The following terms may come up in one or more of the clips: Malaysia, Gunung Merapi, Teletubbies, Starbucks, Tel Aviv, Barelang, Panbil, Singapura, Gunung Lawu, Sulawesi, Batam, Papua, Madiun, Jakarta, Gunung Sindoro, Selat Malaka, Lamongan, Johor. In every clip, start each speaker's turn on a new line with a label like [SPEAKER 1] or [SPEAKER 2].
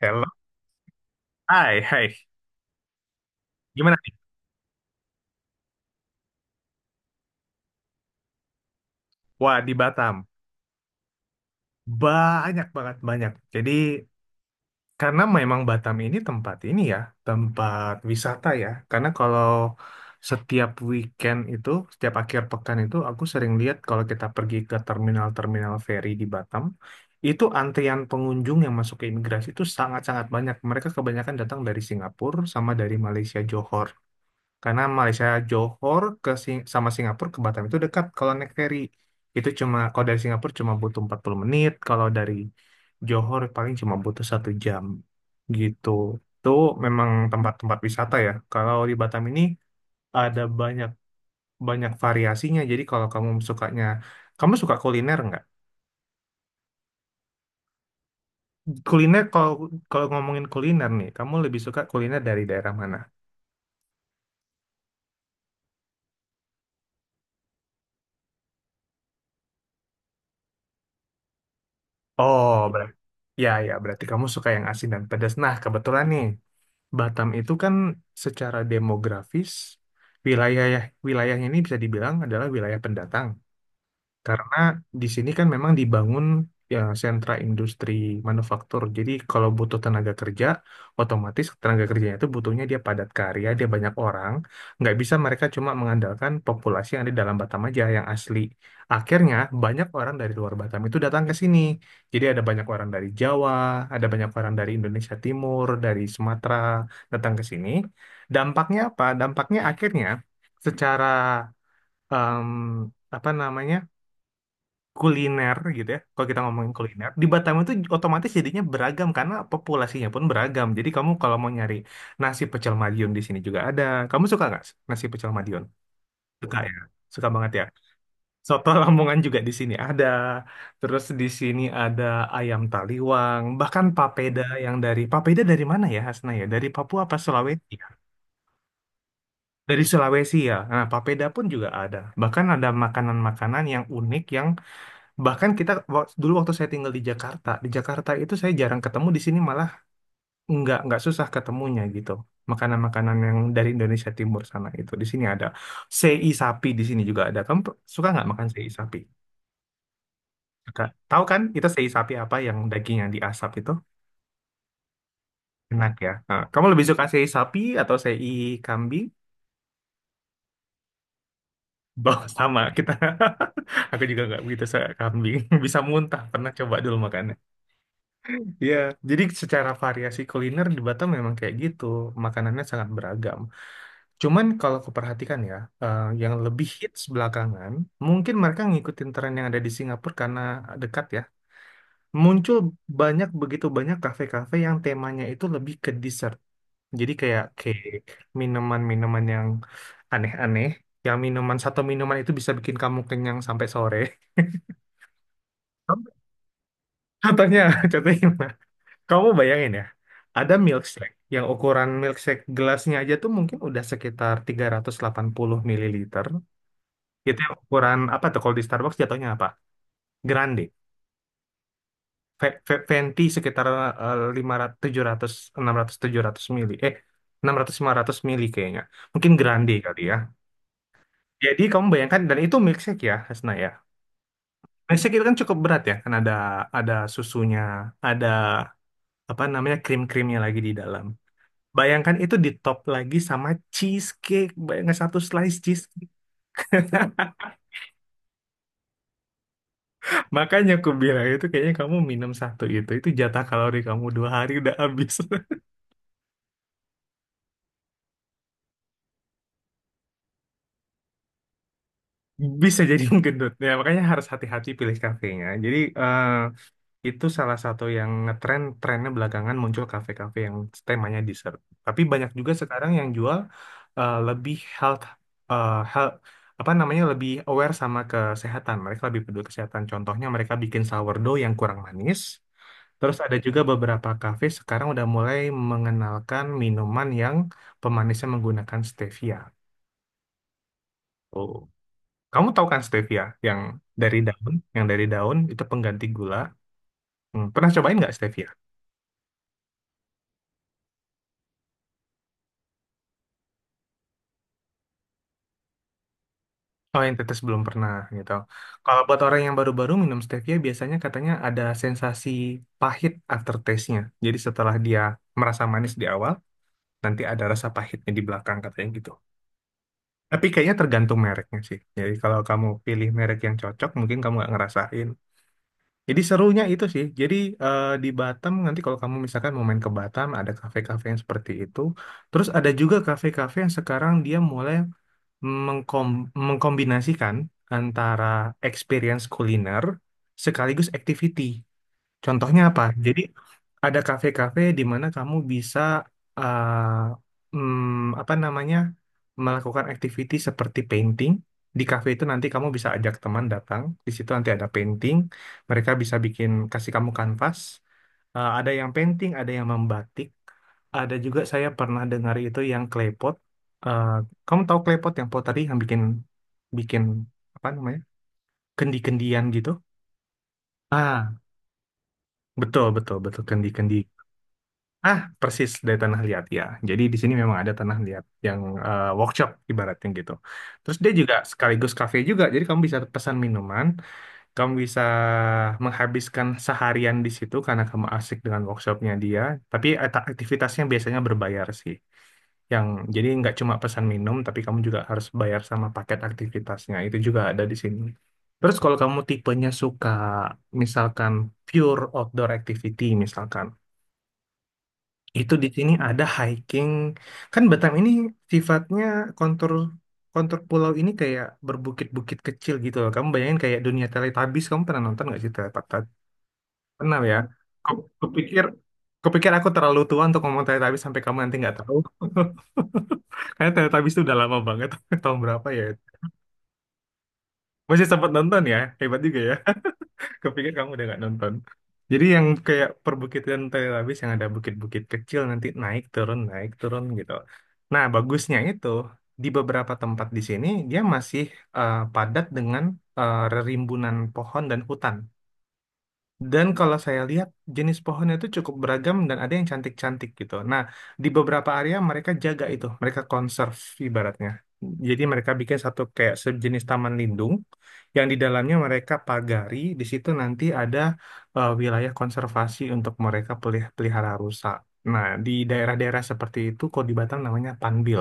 [SPEAKER 1] Hello, hai, hai. Gimana nih? Wah, di Batam. Banyak banget, banyak. Jadi, karena memang Batam ini tempat wisata ya. Karena kalau setiap weekend itu, setiap akhir pekan itu, aku sering lihat kalau kita pergi ke terminal-terminal feri di Batam, itu antrian pengunjung yang masuk ke imigrasi itu sangat-sangat banyak. Mereka kebanyakan datang dari Singapura sama dari Malaysia, Johor. Karena Malaysia Johor ke sama Singapura ke Batam itu dekat kalau naik ferry. Itu cuma kalau dari Singapura cuma butuh 40 menit, kalau dari Johor paling cuma butuh 1 jam gitu. Itu memang tempat-tempat wisata ya. Kalau di Batam ini ada banyak banyak variasinya. Jadi kalau kamu suka kuliner nggak? Kuliner. Kalau kalau ngomongin kuliner nih, kamu lebih suka kuliner dari daerah mana? Oh, berarti ya, berarti kamu suka yang asin dan pedas. Nah, kebetulan nih. Batam itu kan secara demografis wilayah wilayahnya ini bisa dibilang adalah wilayah pendatang. Karena di sini kan memang dibangun ya sentra industri manufaktur. Jadi kalau butuh tenaga kerja, otomatis tenaga kerjanya itu butuhnya dia padat karya, dia banyak orang. Nggak bisa mereka cuma mengandalkan populasi yang ada di dalam Batam aja yang asli. Akhirnya banyak orang dari luar Batam itu datang ke sini. Jadi ada banyak orang dari Jawa, ada banyak orang dari Indonesia Timur, dari Sumatera datang ke sini. Dampaknya apa? Dampaknya akhirnya secara em, apa namanya? Kuliner gitu ya. Kalau kita ngomongin kuliner, di Batam itu otomatis jadinya beragam karena populasinya pun beragam. Jadi kamu kalau mau nyari nasi pecel Madiun di sini juga ada. Kamu suka nggak nasi pecel Madiun? Suka ya. Suka banget ya. Soto Lamongan juga di sini ada. Terus di sini ada ayam taliwang, bahkan papeda yang dari papeda dari mana ya Hasna ya? Dari Papua apa Sulawesi, ya? Dari Sulawesi ya. Nah, papeda pun juga ada. Bahkan ada makanan-makanan yang unik yang... Bahkan dulu waktu saya tinggal di Jakarta itu saya jarang ketemu, di sini malah nggak susah ketemunya gitu. Makanan-makanan yang dari Indonesia Timur sana itu di sini ada, sei sapi di sini juga ada. Kamu suka nggak makan sei sapi? Suka. Tahu kan itu sei sapi, apa yang daging yang diasap itu enak ya. Nah, kamu lebih suka sei sapi atau sei kambing? Bah, sama kita. Aku juga nggak begitu suka kambing. Bisa muntah. Pernah coba dulu makannya. Iya, jadi secara variasi kuliner di Batam memang kayak gitu, makanannya sangat beragam. Cuman kalau aku perhatikan ya, yang lebih hits belakangan, mungkin mereka ngikutin tren yang ada di Singapura karena dekat ya. Muncul begitu banyak kafe-kafe yang temanya itu lebih ke dessert. Jadi kayak cake, minuman-minuman yang aneh-aneh, yang minuman satu minuman itu bisa bikin kamu kenyang sampai sore. Contohnya, contohnya gimana? Kamu bayangin ya, ada milkshake yang ukuran milkshake gelasnya aja tuh mungkin udah sekitar 380 ml. Itu yang ukuran apa tuh kalau di Starbucks jatuhnya apa? Grande. Venti sekitar 500, 700, 600, 700 ml. Eh, 600, 500 ml kayaknya. Mungkin grande kali ya. Jadi kamu bayangkan, dan itu milkshake ya, Hasna ya. Milkshake itu kan cukup berat ya, kan ada susunya, ada apa namanya krim-krimnya lagi di dalam. Bayangkan itu di top lagi sama cheesecake. Bayangkan satu slice cheesecake. Makanya aku bilang itu kayaknya kamu minum satu itu. Itu jatah kalori kamu 2 hari udah habis. Bisa jadi gendut. Ya, makanya harus hati-hati pilih kafenya. Jadi itu salah satu yang ngetren, trennya belakangan muncul kafe-kafe yang temanya dessert. Tapi banyak juga sekarang yang jual lebih health, eh, health, apa namanya lebih aware sama kesehatan. Mereka lebih peduli kesehatan. Contohnya mereka bikin sourdough yang kurang manis. Terus ada juga beberapa kafe sekarang udah mulai mengenalkan minuman yang pemanisnya menggunakan stevia. Oh, kamu tahu kan stevia yang dari daun itu pengganti gula. Pernah cobain nggak stevia? Oh, yang tetes belum pernah gitu. Kalau buat orang yang baru-baru minum stevia, biasanya katanya ada sensasi pahit aftertaste-nya. Jadi setelah dia merasa manis di awal, nanti ada rasa pahitnya di belakang katanya gitu. Tapi kayaknya tergantung mereknya sih. Jadi kalau kamu pilih merek yang cocok, mungkin kamu nggak ngerasain. Jadi serunya itu sih. Jadi di Batam nanti kalau kamu misalkan mau main ke Batam, ada kafe-kafe yang seperti itu. Terus ada juga kafe-kafe yang sekarang dia mulai mengkom mengkombinasikan antara experience kuliner sekaligus activity. Contohnya apa? Jadi ada kafe-kafe di mana kamu bisa apa namanya melakukan activity seperti painting. Di kafe itu nanti kamu bisa ajak teman datang. Di situ nanti ada painting. Mereka bisa kasih kamu kanvas. Ada yang painting, ada yang membatik, ada juga saya pernah dengar itu yang klepot. Eh, kamu tahu klepot yang pottery yang bikin bikin apa namanya? Kendi-kendian gitu? Ah, betul betul betul kendi-kendi. Ah, persis dari tanah liat ya. Jadi di sini memang ada tanah liat yang workshop ibaratnya gitu. Terus dia juga sekaligus kafe juga. Jadi kamu bisa pesan minuman, kamu bisa menghabiskan seharian di situ karena kamu asik dengan workshopnya dia. Tapi aktivitasnya biasanya berbayar sih. Yang jadi nggak cuma pesan minum, tapi kamu juga harus bayar sama paket aktivitasnya. Itu juga ada di sini. Terus kalau kamu tipenya suka misalkan pure outdoor activity misalkan, itu di sini ada hiking. Kan Batam ini sifatnya kontur kontur pulau ini kayak berbukit-bukit kecil gitu loh. Kamu bayangin kayak dunia Teletubbies. Kamu pernah nonton nggak sih Teletubbies? Pernah ya? Ku- Kupikir kupikir aku terlalu tua untuk ngomong Teletubbies sampai kamu nanti nggak tahu. Karena Teletubbies itu udah lama banget. Tahun berapa ya? Masih sempat nonton ya? Hebat juga ya. Kupikir kamu udah gak nonton. Jadi yang kayak perbukitan Tel Aviv yang ada bukit-bukit kecil nanti naik turun gitu. Nah, bagusnya itu di beberapa tempat di sini dia masih padat dengan eh, rimbunan pohon dan hutan. Dan kalau saya lihat jenis pohonnya itu cukup beragam dan ada yang cantik-cantik gitu. Nah, di beberapa area mereka jaga itu, mereka conserve ibaratnya. Jadi mereka bikin satu kayak sejenis taman lindung yang di dalamnya mereka pagari, di situ nanti ada wilayah konservasi untuk mereka pelihara rusa. Nah, di daerah-daerah seperti itu kalau di Batam namanya Panbil.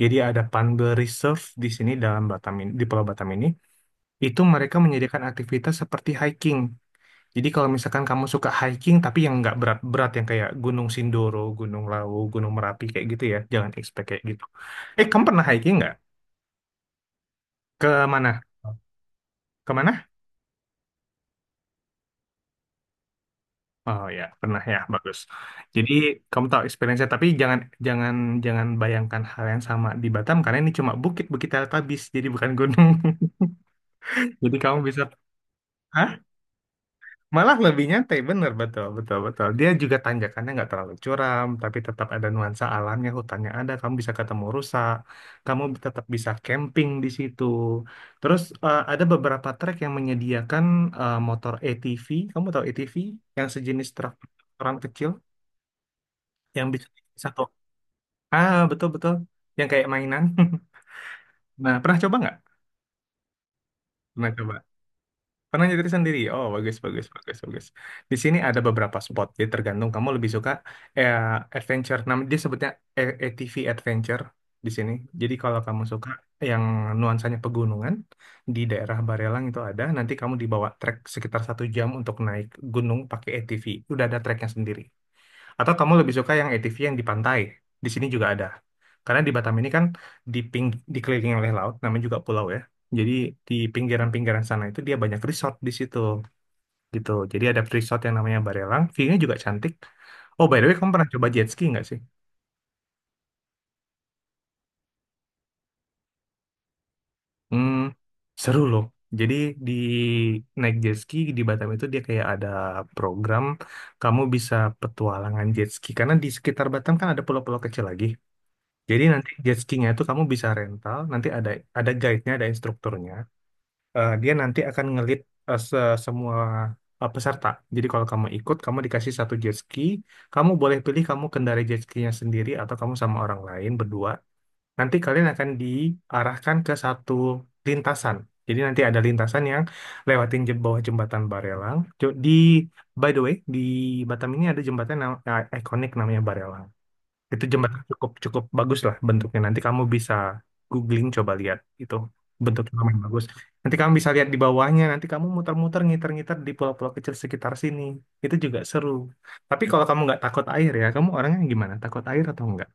[SPEAKER 1] Jadi ada Panbil Reserve di sini, dalam Batam ini, di Pulau Batam ini. Itu mereka menyediakan aktivitas seperti hiking. Jadi kalau misalkan kamu suka hiking tapi yang nggak berat-berat yang kayak Gunung Sindoro, Gunung Lawu, Gunung Merapi kayak gitu ya, jangan expect kayak gitu. Kamu pernah hiking nggak? Ke mana? Ke mana? Oh ya, pernah ya, bagus. Jadi kamu tahu experience-nya tapi jangan jangan jangan bayangkan hal yang sama di Batam, karena ini cuma bukit-bukit teletabis, jadi bukan gunung. Jadi kamu bisa... Hah? Malah lebih nyantai, bener, betul, betul, betul. Dia juga tanjakannya nggak terlalu curam, tapi tetap ada nuansa alamnya, hutannya ada, kamu bisa ketemu rusa, kamu tetap bisa camping di situ. Terus ada beberapa trek yang menyediakan motor ATV, kamu tahu ATV? Yang sejenis truk orang kecil, yang bisa satu. Ah, betul, betul. Yang kayak mainan. Nah, pernah coba nggak? Pernah coba. Pernah nyetir sendiri? Oh, bagus, bagus, bagus, bagus. Di sini ada beberapa spot. Jadi tergantung kamu lebih suka eh, adventure. Dia sebutnya ATV adventure di sini. Jadi kalau kamu suka yang nuansanya pegunungan di daerah Barelang itu ada. Nanti kamu dibawa trek sekitar 1 jam untuk naik gunung pakai ATV. Udah ada treknya sendiri. Atau kamu lebih suka yang ATV yang di pantai? Di sini juga ada. Karena di Batam ini kan di ping, dikelilingi oleh laut, namanya juga pulau ya. Jadi di pinggiran-pinggiran sana itu dia banyak resort di situ gitu. Jadi ada resort yang namanya Barelang, view-nya juga cantik. Oh, by the way, kamu pernah coba jet ski nggak sih? Hmm, seru loh. Jadi di naik jet ski di Batam itu dia kayak ada program kamu bisa petualangan jet ski. Karena di sekitar Batam kan ada pulau-pulau kecil lagi. Jadi nanti jet skiing-nya itu kamu bisa rental, nanti ada guide-nya, ada instrukturnya. Dia nanti akan eh, se- semua peserta. Jadi kalau kamu ikut, kamu dikasih satu jet ski, kamu boleh pilih kamu kendarai jet ski-nya sendiri atau kamu sama orang lain berdua. Nanti kalian akan diarahkan ke satu lintasan. Jadi nanti ada lintasan yang lewatin bawah jembatan Barelang. Jo- Di by the way, di Batam ini ada jembatan ikonik namanya Barelang. Itu jembatan cukup cukup bagus lah bentuknya. Nanti kamu bisa googling coba lihat itu bentuknya lumayan bagus. Nanti kamu bisa lihat di bawahnya. Nanti kamu muter-muter ngiter-ngiter di pulau-pulau kecil sekitar sini. Itu juga seru. Tapi kalau kamu nggak takut air ya, kamu orangnya gimana? Takut air atau nggak?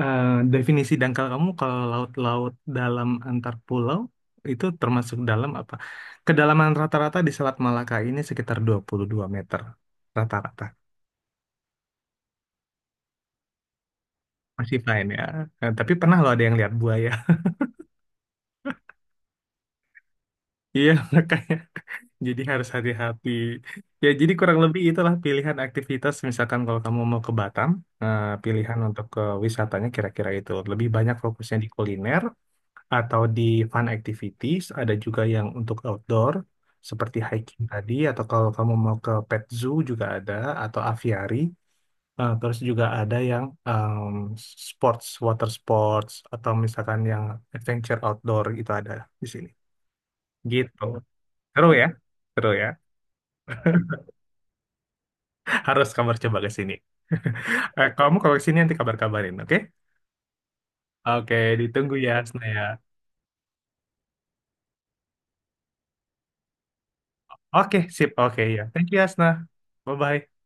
[SPEAKER 1] Eh, definisi dangkal kamu kalau laut-laut dalam antar pulau itu termasuk dalam apa? Kedalaman rata-rata di Selat Malaka ini sekitar 22 meter rata-rata. Masih fine ya. Tapi pernah loh ada yang lihat buaya. Iya, makanya jadi harus hati-hati. Ya, jadi kurang lebih itulah pilihan aktivitas. Misalkan kalau kamu mau ke Batam, pilihan untuk ke wisatanya kira-kira itu. Lebih banyak fokusnya di kuliner atau di fun activities. Ada juga yang untuk outdoor, seperti hiking tadi, atau kalau kamu mau ke pet zoo juga ada, atau aviary. Terus juga ada yang sports, water sports, atau misalkan yang adventure outdoor itu ada di sini. Gitu. Seru ya? Seru ya? Harus kabar coba ke sini. Eh, kamu kalau ke sini nanti kabar-kabarin, oke? Oke, ditunggu ya, Asna ya. Oke, sip. Oke, ya. Thank you, Asna. Bye-bye.